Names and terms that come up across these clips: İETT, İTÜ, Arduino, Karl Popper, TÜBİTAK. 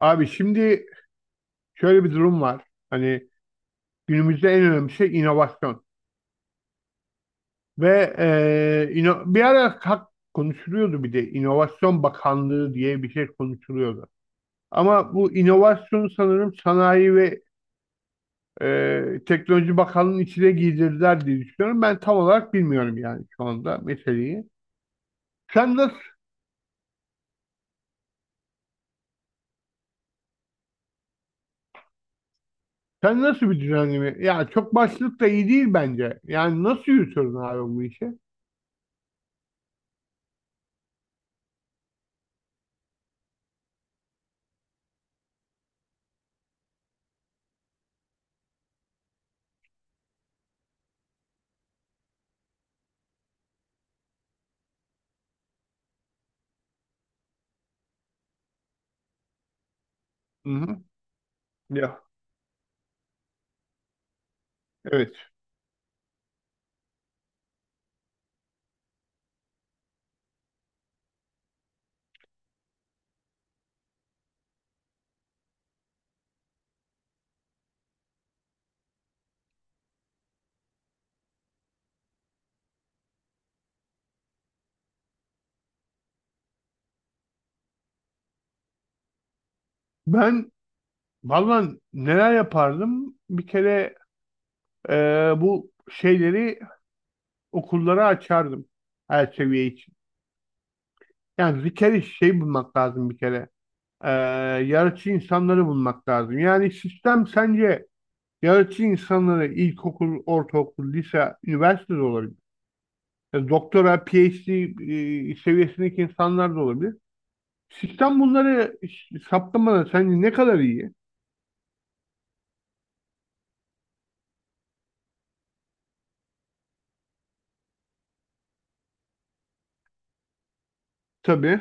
Abi şimdi şöyle bir durum var. Hani günümüzde en önemli şey inovasyon. Bir ara konuşuluyordu, bir de İnovasyon Bakanlığı diye bir şey konuşuluyordu. Ama bu inovasyon sanırım Sanayi ve Teknoloji Bakanlığı'nın içine giydirdiler diye düşünüyorum. Ben tam olarak bilmiyorum yani şu anda meseleyi. Sen nasıl, sen nasıl bir düzenleme? Ya çok başlık da iyi değil bence. Yani nasıl yürütüyorsun abi bu işi? Hı hı. Ya, evet. Ben Vallahi neler yapardım? Bir kere e, bu şeyleri okullara açardım her seviye için. Yani bir kere şey bulmak lazım bir kere. E, Yaratıcı insanları bulmak lazım. Yani sistem sence yaratıcı insanları ilkokul, ortaokul, lise, üniversite de olabilir. Doktora, PhD seviyesindeki insanlar da olabilir. Sistem bunları saptamada sence ne kadar iyi? Tabii.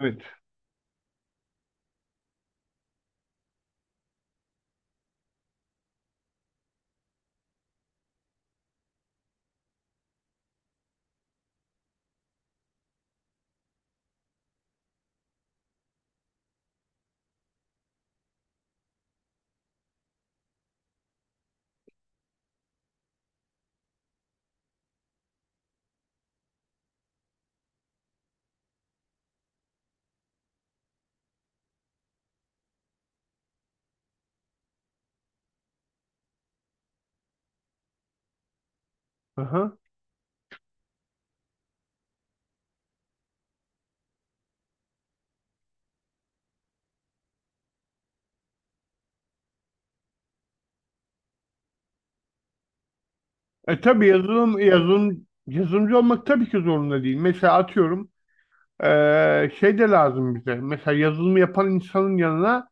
Evet. Aha. E, tabii yazılımcı olmak tabii ki zorunda değil. Mesela atıyorum, şey de lazım bize. Mesela yazılımı yapan insanın yanına,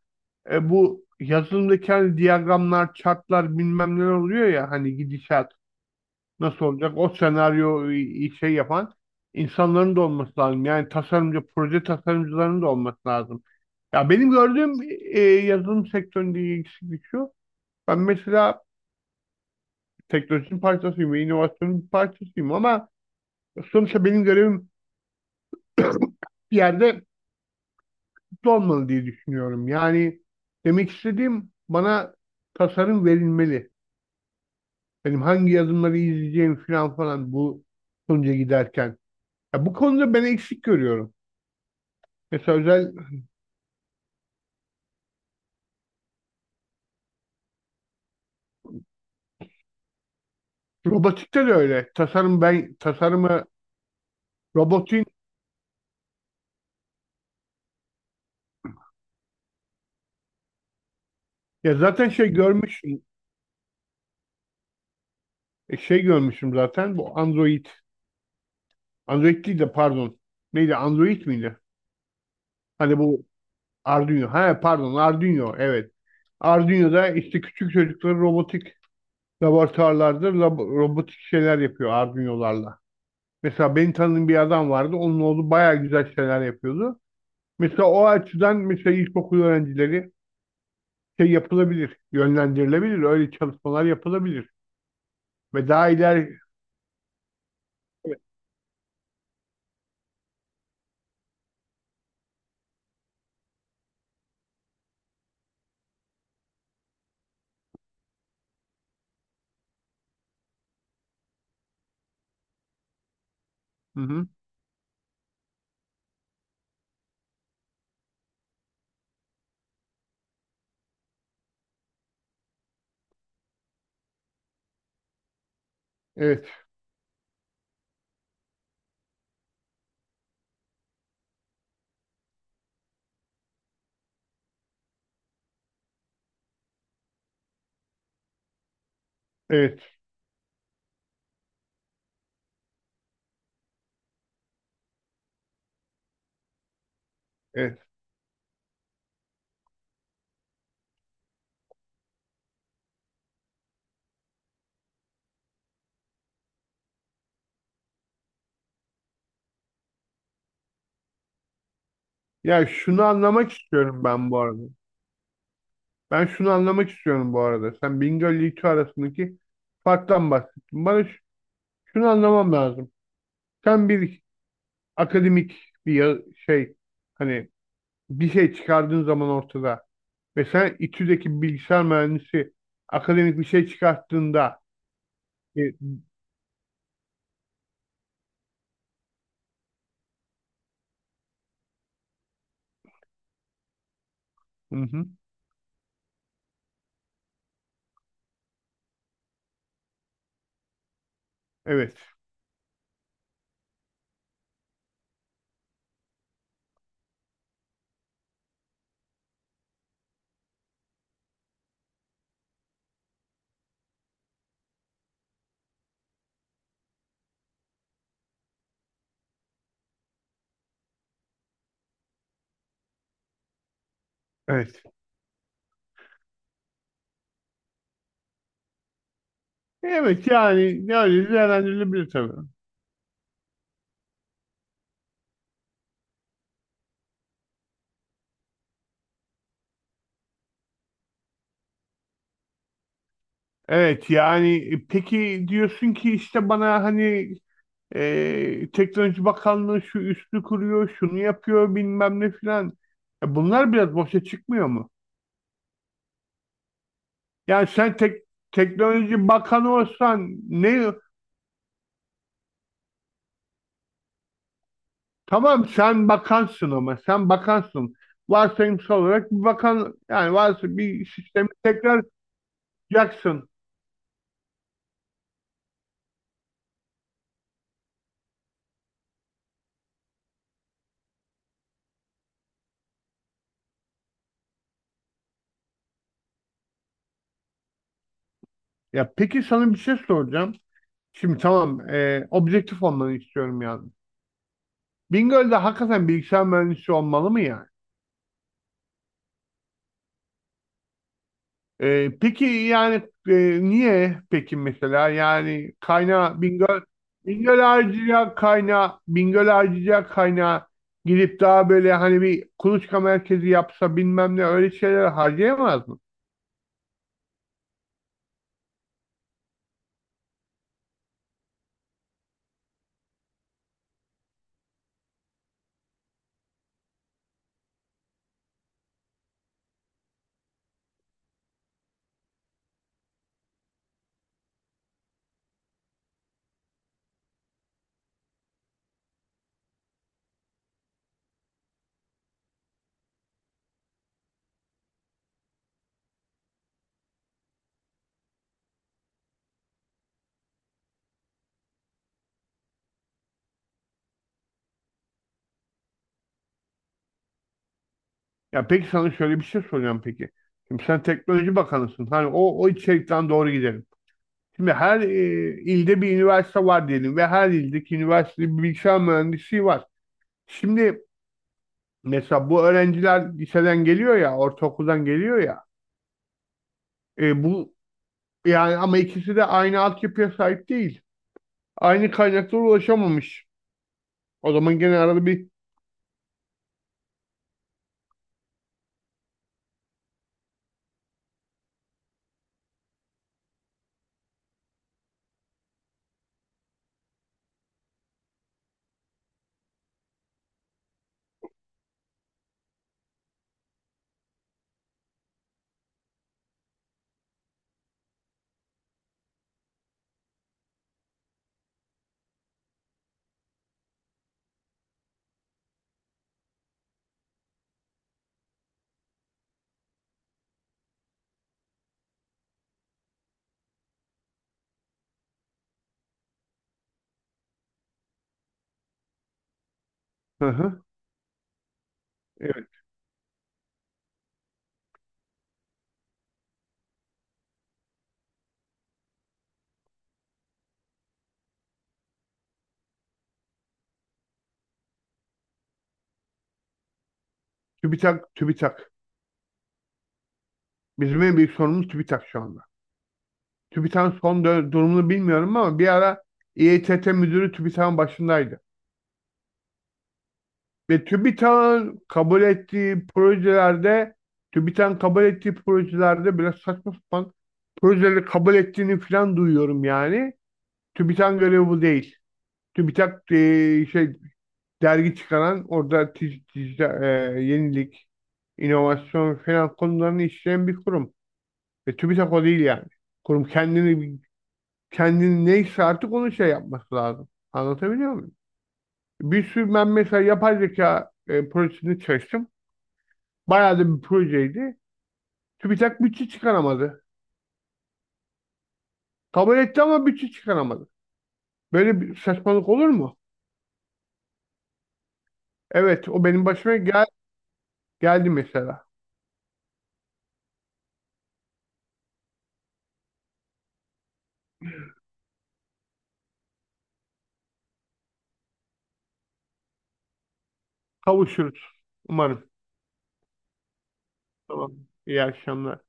bu yazılımdaki hani diyagramlar, chartlar bilmem neler oluyor ya, hani gidişat nasıl olacak o senaryo, şey yapan insanların da olması lazım. Yani tasarımcı, proje tasarımcılarının da olması lazım. Ya benim gördüğüm yazılım sektöründe eksiklik şu. Ben mesela teknolojinin parçasıyım ve inovasyonun bir parçasıyım ama sonuçta benim görevim bir yerde kutlu olmalı diye düşünüyorum. Yani demek istediğim bana tasarım verilmeli. Benim hangi yazımları izleyeceğim falan falan bu sonuca giderken. Ya bu konuda ben eksik görüyorum. Mesela özel robotikte de öyle. Tasarım ben tasarımı robotin Ya zaten şey görmüşüm. Şey görmüşüm zaten bu Android. Android değil de pardon. Neydi, Android miydi? Hani bu Arduino. Ha pardon, Arduino evet. Arduino'da işte küçük çocukları robotik laboratuvarlarda, robotik şeyler yapıyor Arduino'larla. Mesela benim tanıdığım bir adam vardı. Onun oğlu bayağı güzel şeyler yapıyordu. Mesela o açıdan mesela ilkokul öğrencileri şey yapılabilir, yönlendirilebilir. Öyle çalışmalar yapılabilir. Ve daha ileri... Evet, hı hı. Evet, evet, evet, Ya şunu anlamak istiyorum ben bu arada. Ben şunu anlamak istiyorum bu arada. Sen Bingöl ile İTÜ arasındaki farktan bahsettin. Bana ş- şunu anlamam lazım. Sen bir akademik bir ya- şey hani bir şey çıkardığın zaman ortada ve sen İTÜ'deki bilgisayar mühendisi akademik bir şey çıkarttığında e, hı hı, evet evet evet yani ne öyle değerlendirilebilir tabii. Evet yani, peki diyorsun ki işte bana hani Teknoloji Bakanlığı şu üstü kuruyor şunu yapıyor bilmem ne filan. E, bunlar biraz boşa çıkmıyor mu? Yani sen tek Teknoloji Bakanı olsan ne... Tamam sen bakansın, ama sen bakansın. Varsayımsal olarak bir bakan, yani varsa bir sistemi tekrar yaksın. Ya peki sana bir şey soracağım. Şimdi tamam, objektif olmanı istiyorum yani. Bingöl'de hakikaten bilgisayar mühendisi olmalı mı yani? E, peki yani niye peki mesela, yani kaynağı Bingöl Bingöl harcayacağı kaynağı Bingöl harcayacağı kaynağı gidip daha böyle hani bir kuluçka merkezi yapsa bilmem ne öyle şeyler harcayamaz mı? Ya peki sana şöyle bir şey soracağım peki. Şimdi sen teknoloji bakanısın. Hani o içerikten doğru gidelim. Şimdi her ilde bir üniversite var diyelim ve her ildeki üniversitede bir bilgisayar mühendisliği var. Şimdi mesela bu öğrenciler liseden geliyor ya, ortaokuldan geliyor ya. E, bu yani, ama ikisi de aynı altyapıya sahip değil. Aynı kaynaklara ulaşamamış. O zaman gene arada bir... Hı hı. Evet, TÜBİTAK, TÜBİTAK. Bizim en büyük sorunumuz TÜBİTAK şu anda. TÜBİTAK'ın durumunu bilmiyorum ama bir ara İETT müdürü TÜBİTAK'ın başındaydı. Ve TÜBİTAK'ın kabul ettiği projelerde biraz saçma sapan projeleri kabul ettiğini falan duyuyorum yani. TÜBİTAK'ın görevi bu değil. TÜBİTAK şey, dergi çıkaran orada yenilik, inovasyon falan konularını işleyen bir kurum. Ve TÜBİTAK o değil yani. Kurum kendini neyse artık onu şey yapması lazım. Anlatabiliyor muyum? Bir sürü... Ben mesela yapay zeka projesini çalıştım. Bayağı da bir projeydi. TÜBİTAK bütçe çıkaramadı. Kabul etti ama bütçe çıkaramadı. Böyle bir saçmalık olur mu? Evet, o benim başıma geldi mesela. Kavuşuruz umarım. Tamam. İyi akşamlar.